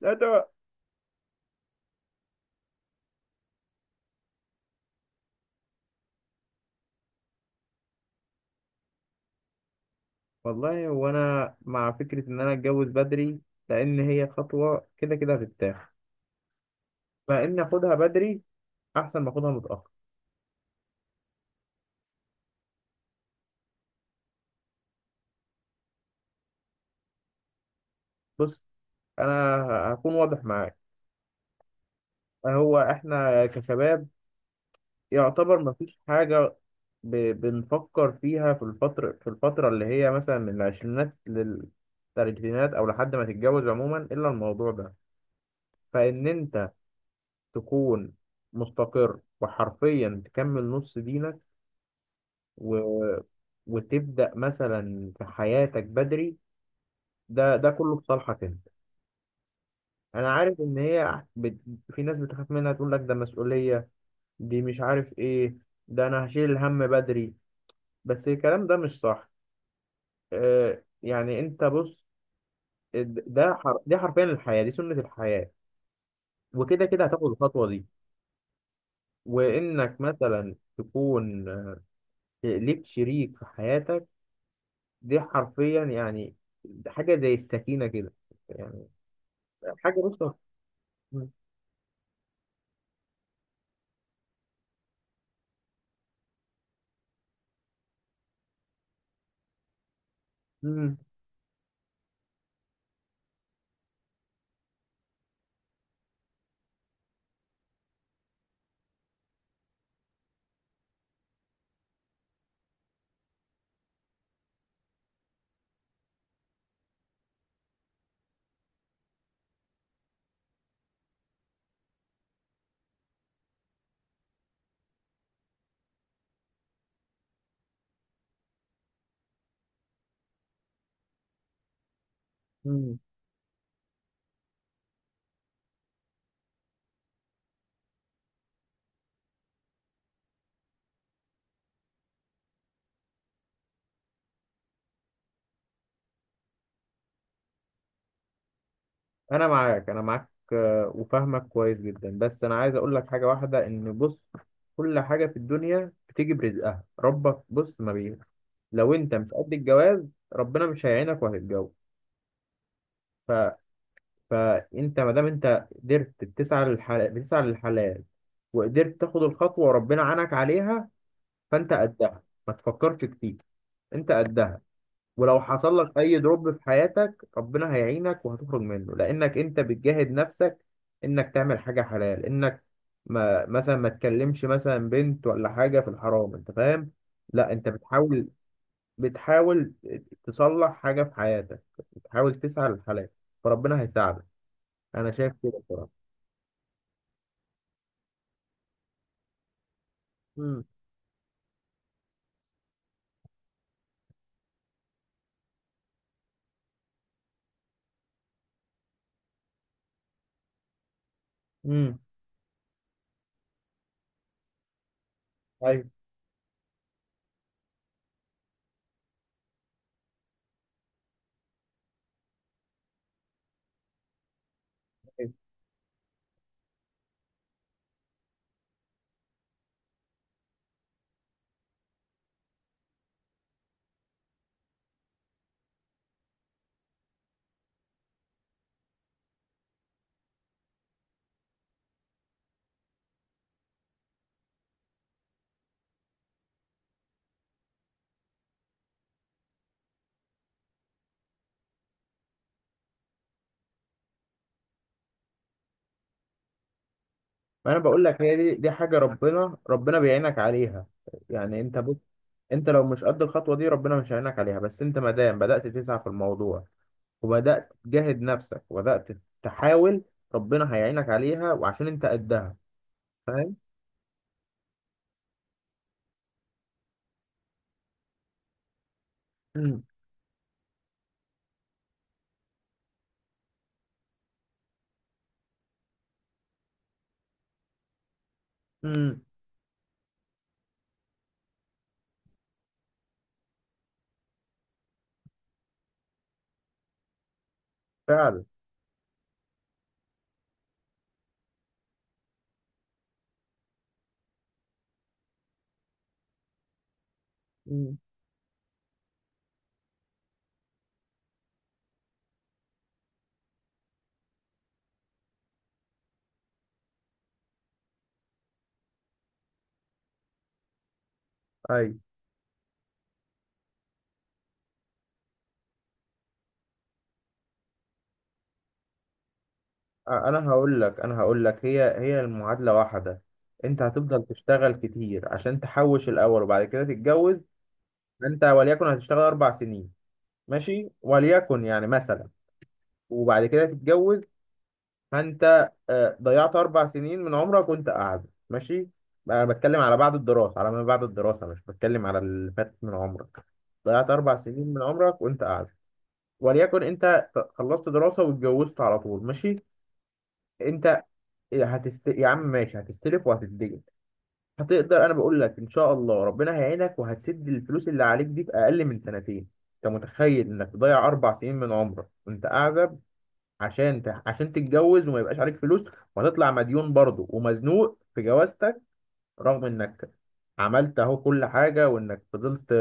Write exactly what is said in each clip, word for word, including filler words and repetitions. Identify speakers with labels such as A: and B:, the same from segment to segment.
A: لا، ده. والله وانا مع فكرة ان انا اتجوز بدري لان هي خطوة كده كده هتتاخد. فان اخدها بدري احسن ما اخدها متأخر. بص، انا هكون واضح معاك. هو احنا كشباب يعتبر مفيش حاجة. ب- بنفكر فيها في الفترة في الفترة اللي هي مثلا من العشرينات للثلاثينات او لحد ما تتجوز عموما الا الموضوع ده. فان انت تكون مستقر وحرفيا تكمل نص دينك و... وتبدأ مثلا في حياتك بدري. ده ده كله في صالحك انت. انا عارف ان هي بت... في ناس بتخاف منها تقول لك ده مسؤولية، دي مش عارف ايه، ده انا هشيل الهم بدري. بس الكلام ده مش صح. آه يعني انت بص. د- ده حر... دي حرفيا الحياة، دي سنة الحياة. وكده كده هتاخد الخطوة دي وانك مثلا تكون ليك شريك في حياتك. دي حرفيا يعني حاجة زي السكينة كده، يعني حاجة، بص. مم. مم. انا معاك انا معاك، آه، وفاهمك كويس جدا. بس انا عايز اقول لك حاجه واحده، ان بص، كل حاجه في الدنيا بتيجي برزقها، ربك بص ما بيه. لو انت مش قد الجواز ربنا مش هيعينك وهتتجوز. ف... فانت ما دام انت قدرت بتسعى للحلال بتسعى للحلال وقدرت تاخد الخطوه وربنا عانك عليها، فانت قدها، ما تفكرش كتير. انت قدها. ولو حصل لك اي دروب في حياتك ربنا هيعينك وهتخرج منه، لانك انت بتجاهد نفسك انك تعمل حاجه حلال، انك ما مثلا ما تكلمش مثلا بنت ولا حاجه في الحرام. انت فاهم؟ لا، انت بتحاول، بتحاول تصلح حاجه في حياتك، بتحاول تسعى للحلال فربنا هيساعدك. انا شايف كده بصراحه. امم. امم. ايوه. ما انا بقول لك هي دي دي حاجه ربنا ربنا بيعينك عليها. يعني انت بص، انت لو مش قد الخطوه دي ربنا مش هيعينك عليها. بس انت ما دام بدات تسعى في الموضوع وبدات تجاهد نفسك وبدات تحاول، ربنا هيعينك عليها وعشان انت قدها. فاهم. امم. امم. فعلا. امم. اي. انا هقول لك انا هقول لك، هي هي المعادله واحده. انت هتفضل تشتغل كتير عشان تحوش الاول وبعد كده تتجوز. انت وليكن هتشتغل اربع سنين، ماشي، وليكن يعني مثلا، وبعد كده تتجوز. فانت آه، ضيعت اربع سنين من عمرك وانت قاعد ماشي. انا بتكلم على بعد الدراسه، على ما بعد الدراسه، مش بتكلم على اللي فات من عمرك. ضيعت اربع سنين من عمرك وانت قاعد. وليكن انت ت- خلصت دراسه واتجوزت على طول، ماشي. انت هتست يا عم، ماشي، هتستلف وهتتدين. هتقدر، انا بقول لك ان شاء الله ربنا هيعينك وهتسد الفلوس اللي عليك دي في اقل من سنتين. انت متخيل انك تضيع اربع سنين من عمرك وانت قاعد عشان ت... عشان تتجوز وما يبقاش عليك فلوس. وهتطلع مديون برضه ومزنوق في جوازتك، رغم انك عملت اهو كل حاجة وانك فضلت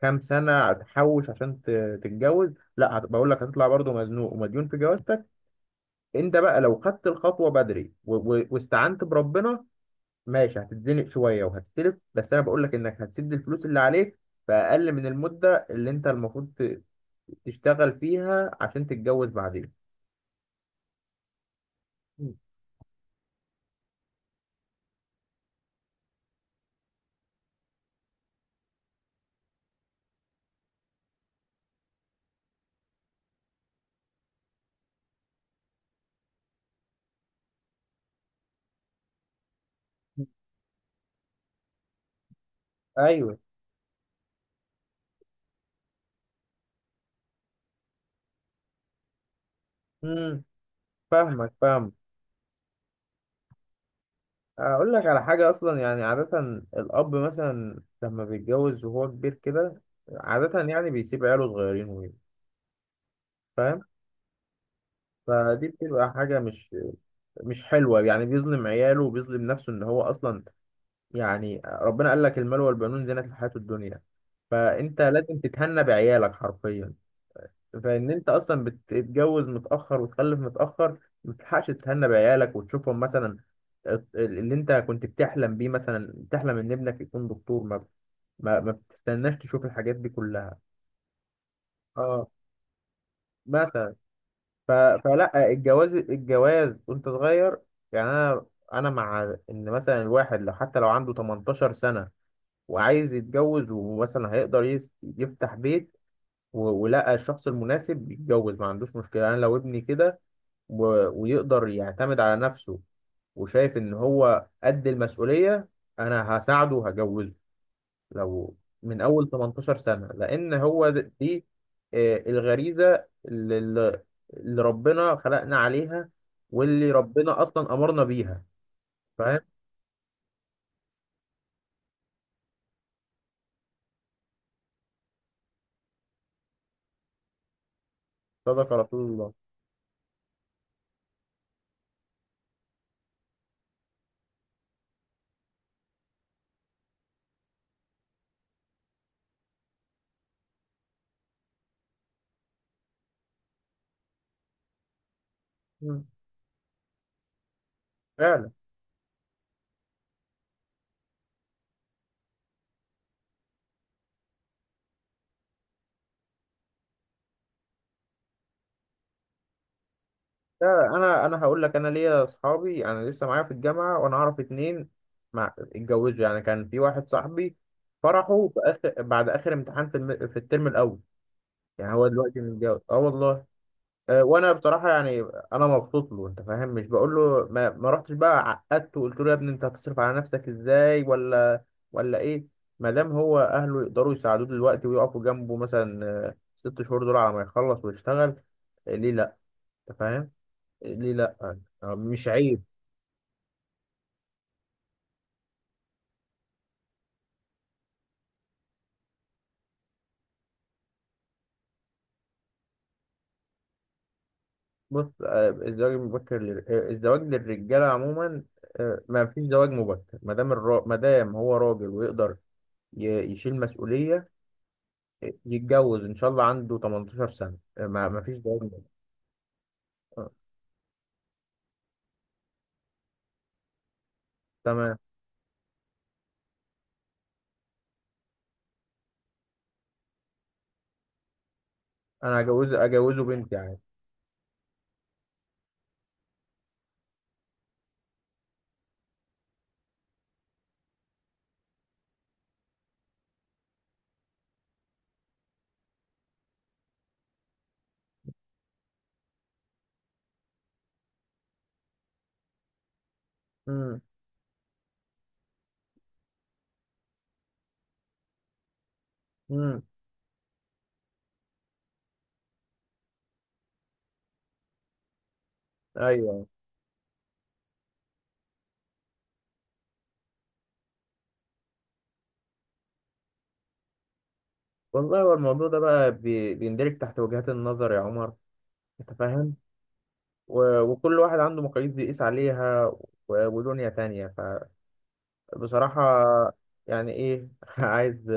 A: كام سنة تحوش عشان ت... تتجوز. لا، هت... بقول لك هتطلع برضه مزنوق ومديون في جوازتك. انت بقى لو خدت الخطوة بدري و... و... واستعنت بربنا، ماشي، هتتزنق شوية وهتستلف، بس انا بقول لك انك هتسد الفلوس اللي عليك في اقل من المدة اللي انت المفروض ت... تشتغل فيها عشان تتجوز بعدين. مم. ايوه. مم. فاهمك. فاهم. اقول لك على حاجه اصلا، يعني عاده الاب مثلا لما بيتجوز وهو كبير كده، عاده يعني بيسيب عياله صغيرين وي- فاهم. فدي بتبقى حاجه مش مش حلوه، يعني بيظلم عياله وبيظلم نفسه، ان هو اصلا، يعني ربنا قال لك المال والبنون زينة الحياه الدنيا. فانت لازم تتهنى بعيالك حرفيا. فان انت اصلا بتتجوز متاخر وتخلف متاخر ما بتلحقش تتهنى بعيالك وتشوفهم، مثلا آه، اللي انت كنت بتحلم بيه، مثلا بتحلم ان ابنك يكون دكتور، ما ما, ما بتستناش تشوف الحاجات دي كلها. اه مثلا. ف... فلا، الجواز الجواز وانت صغير. يعني انا انا مع ان مثلا الواحد لو حتى لو عنده تمنتاشر سنة وعايز يتجوز، ومثلا هيقدر يس- يفتح بيت و... ولقى الشخص المناسب يتجوز، ما عندوش مشكلة. انا لو ابني كده و- ويقدر يعتمد على نفسه وشايف ان هو قد المسؤولية، انا هساعده وهجوزه لو من اول تمنتاشر سنة، لان هو د- دي آه، الغريزة اللي اللي- اللي ربنا خلقنا عليها واللي ربنا اصلا امرنا بيها. فاهم. صدق رسول الله. مم. فعلا. لا، انا انا هقول لك، انا ليا اصحابي، انا لسه معايا في الجامعه وانا اعرف اتنين مع اتجوزوا، يعني كان في واحد صاحبي فرحه في اخر، بعد اخر امتحان، في الم... في الترم الاول. يعني هو دلوقتي متجوز، اه والله. أه وانا بصراحه يعني انا مبسوط له، انت فاهم، مش بقول له ما, ما رحتش بقى عقدته وقلت له يا ابني انت هتصرف على نفسك ازاي، ولا ولا ايه. ما دام هو اهله يقدروا يساعدوه دلوقتي ويقفوا جنبه مثلا آه، ست شهور دول على ما يخلص ويشتغل، آه، ليه لا؟ انت فاهم. ليه لأ؟ آه، مش عيب. بص، آه، الزواج المبكر لل- آه، الزواج للرجالة عموما آه، ما فيش زواج مبكر، ما دام الرا... ما دام هو راجل ويقدر ي- يشيل مسؤولية. آه، يتجوز إن شاء الله عنده ثمانية عشر سنة. آه، ما ما فيش زواج مبكر. آه، تمام. أنا هجوز، أجوزه بنتي عادي. مم، مم، أيوه. والله هو الموضوع ده بقى بي- بيندرج تحت وجهات النظر يا عمر. أنت فاهم، و... وكل واحد عنده مقاييس بيقيس عليها، و... ودنيا تانية بصراحة. يعني إيه، عايز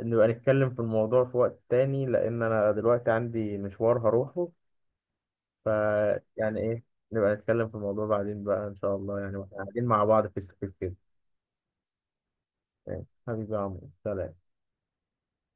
A: نبقى نتكلم في الموضوع في وقت تاني، لأن أنا دلوقتي عندي مشوار هروحه. فيعني إيه، نبقى نتكلم في الموضوع بعدين بقى إن شاء الله، يعني وإحنا قاعدين مع بعض فيس تو فيس كده. ماشي. حبيبي يا عمرو، سلام.